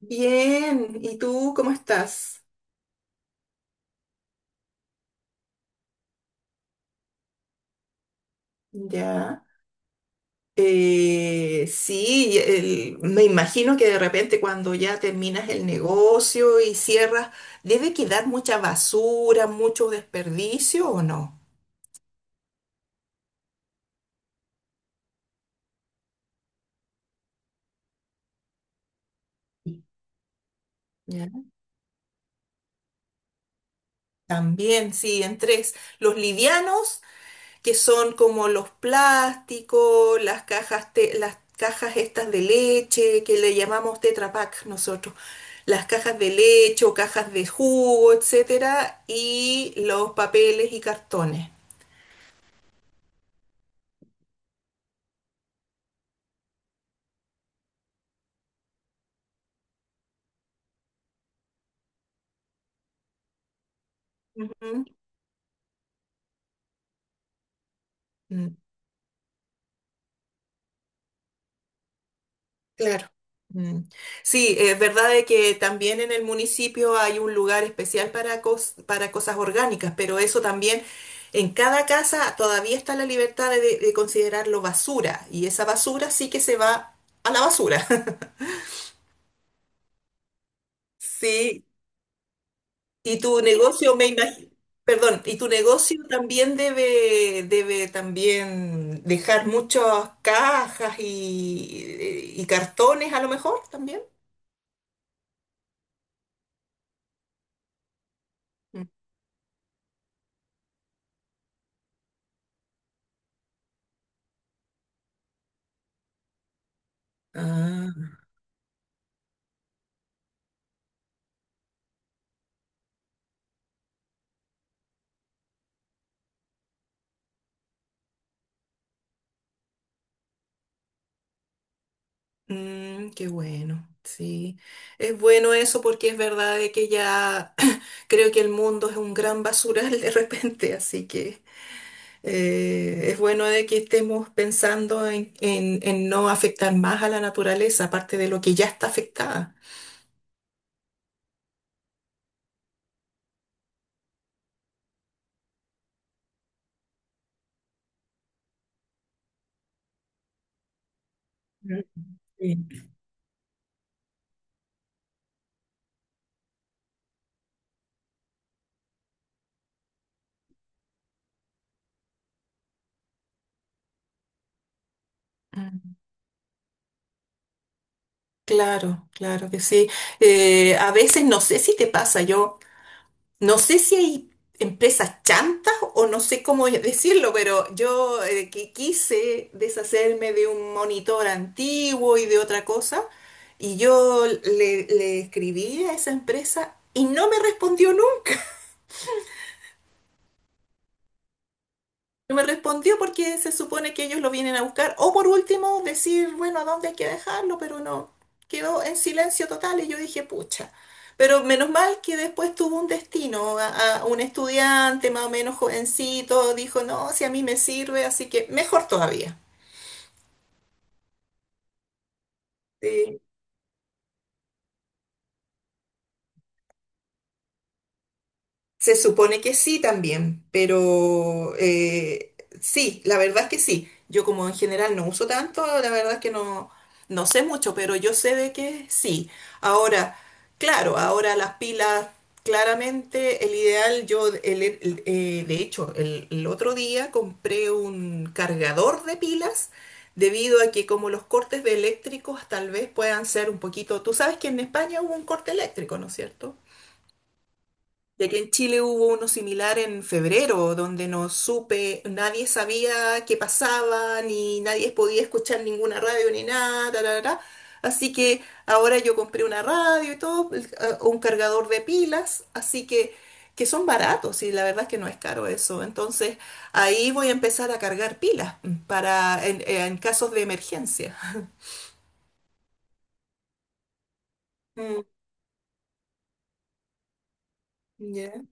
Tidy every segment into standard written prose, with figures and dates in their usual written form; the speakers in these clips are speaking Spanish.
Bien, ¿y tú cómo estás? Ya. Sí, me imagino que de repente cuando ya terminas el negocio y cierras, debe quedar mucha basura, mucho desperdicio, ¿o no? Ya. También, sí, en tres. Los livianos que son como los plásticos, las cajas, las cajas estas de leche, que le llamamos Tetra Pak nosotros, las cajas de leche o cajas de jugo, etcétera, y los papeles y cartones. Ujú. Claro. Mm. Sí, es verdad de que también en el municipio hay un lugar especial para, para cosas orgánicas, pero eso también en cada casa todavía está la libertad de considerarlo basura, y esa basura sí que se va a la basura. Sí, y tu negocio me imagino, perdón, y tu negocio también debe también dejar muchas cajas y cartones a lo mejor también. Mm. Mm, qué bueno, sí. Es bueno eso porque es verdad de que ya creo que el mundo es un gran basural de repente, así que es bueno de que estemos pensando en no afectar más a la naturaleza, aparte de lo que ya está afectada. Mm, sí. Mm. Claro, claro que sí. A veces no sé si te pasa, yo... No sé si hay empresas chantas o no sé cómo decirlo, pero yo que quise deshacerme de un monitor antiguo y de otra cosa, y yo le escribí a esa empresa y no me respondió nunca. No me respondió porque se supone que ellos lo vienen a buscar. O por último, decir, bueno, ¿a dónde hay que dejarlo? Pero no, quedó en silencio total y yo dije, pucha. Pero menos mal que después tuvo un destino, a un estudiante más o menos jovencito, dijo, no, si a mí me sirve, así que mejor todavía. Sí. Se supone que sí también, pero sí, la verdad es que sí. Yo como en general no uso tanto, la verdad es que no, no sé mucho, pero yo sé de que sí. Ahora, claro, ahora las pilas, claramente el ideal, yo de hecho el otro día compré un cargador de pilas debido a que como los cortes de eléctricos tal vez puedan ser un poquito, tú sabes que en España hubo un corte eléctrico, ¿no es cierto? Ya que en Chile hubo uno similar en febrero, donde no supe, nadie sabía qué pasaba, ni nadie podía escuchar ninguna radio ni nada, ta, ta, ta. Así que ahora yo compré una radio y todo, un cargador de pilas, así que son baratos y la verdad es que no es caro eso. Entonces ahí voy a empezar a cargar pilas para en casos de emergencia. Mm, ya,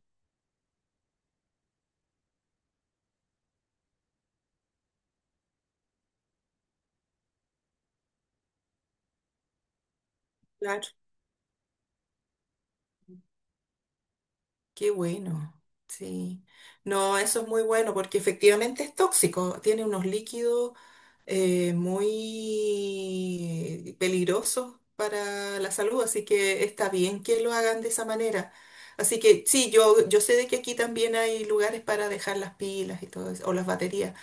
claro. Qué bueno, sí. No, eso es muy bueno porque efectivamente es tóxico, tiene unos líquidos muy peligrosos para la salud, así que está bien que lo hagan de esa manera. Así que sí, yo sé de que aquí también hay lugares para dejar las pilas y todo eso, o las baterías,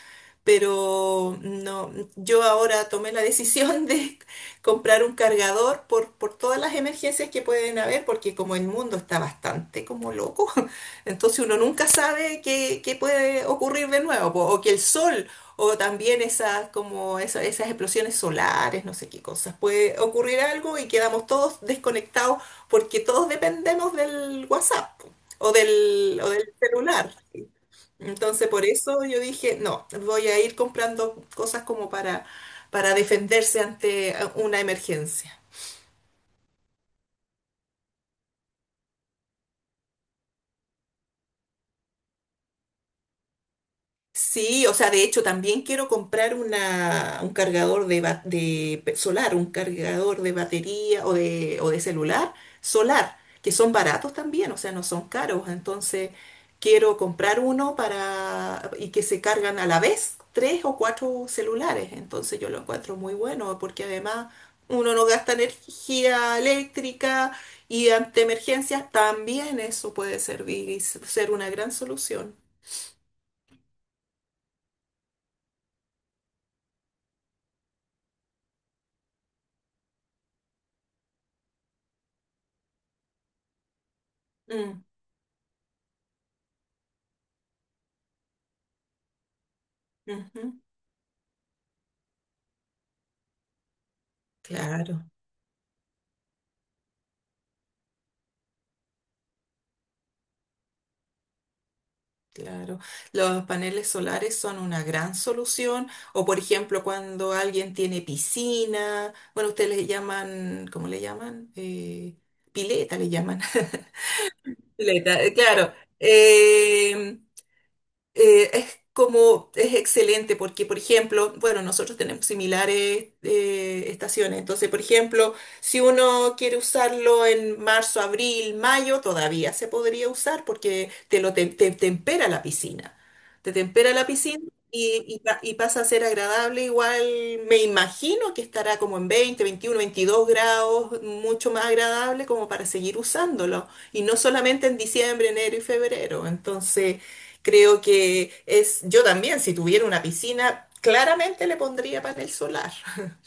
pero no, yo ahora tomé la decisión de comprar un cargador por todas las emergencias que pueden haber, porque como el mundo está bastante como loco, entonces uno nunca sabe qué puede ocurrir de nuevo, po, o que el sol, o también esas, como esas explosiones solares, no sé qué cosas, puede ocurrir algo y quedamos todos desconectados porque todos dependemos del WhatsApp po, o del celular. Entonces, por eso yo dije, no, voy a ir comprando cosas como para defenderse ante una emergencia. Sí, o sea, de hecho también quiero comprar un cargador de solar, un cargador de batería o de celular solar, que son baratos también, o sea, no son caros. Entonces, quiero comprar uno para y que se cargan a la vez tres o cuatro celulares. Entonces, yo lo encuentro muy bueno porque además uno no gasta energía eléctrica, y ante emergencias también eso puede servir y ser una gran solución. Mm, ujú. Claro, claro. Los paneles solares son una gran solución. O por ejemplo, cuando alguien tiene piscina, bueno, ustedes le llaman, ¿cómo le llaman? Pileta le llaman. Pileta, claro. eh, es como, es excelente porque, por ejemplo, bueno, nosotros tenemos similares estaciones. Entonces, por ejemplo, si uno quiere usarlo en marzo, abril, mayo, todavía se podría usar porque te tempera la piscina, te tempera la piscina, Y pasa a ser agradable igual. Me imagino que estará como en 20, 21, 22 grados, mucho más agradable como para seguir usándolo. Y no solamente en diciembre, enero y febrero. Entonces, creo que es, yo también, si tuviera una piscina, claramente le pondría panel solar.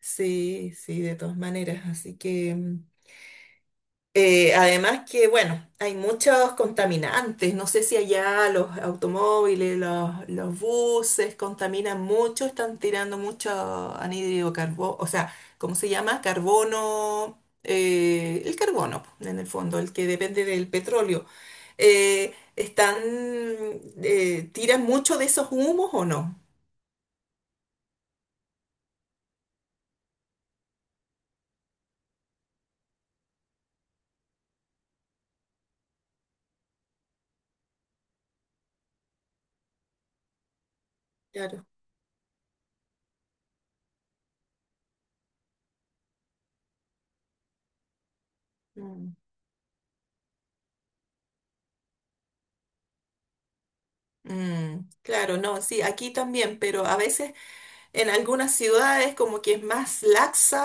Sí, sí, de todas maneras. Así que. Además que, bueno, hay muchos contaminantes. No sé si allá los automóviles, los buses contaminan mucho, están tirando mucho anhídrido carbono, o sea, ¿cómo se llama? Carbono, el carbono, po, en el fondo, el que depende del petróleo. Eh, ¿están, ¿Tiran mucho de esos humos o no? Claro. Mm. Mm, claro, no, sí, aquí también, pero a veces en algunas ciudades como que es más laxa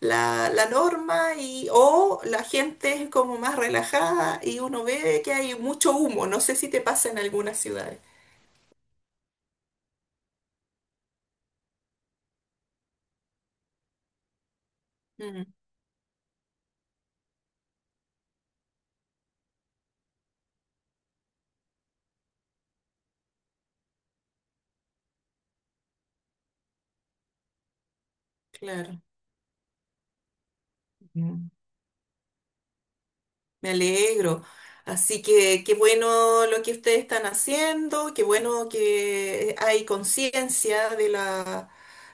la norma y, o la gente es como más relajada y uno ve que hay mucho humo. No sé si te pasa en algunas ciudades. Mm, claro. Me alegro. Así que qué bueno lo que ustedes están haciendo, qué bueno que hay conciencia de la,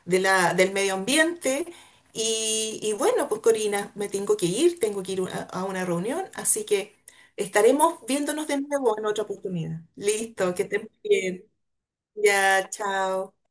de la, del medio ambiente. Y bueno, pues Corina, me tengo que ir a una reunión, así que estaremos viéndonos de nuevo en otra oportunidad. Listo, que estén bien. Ya, chao.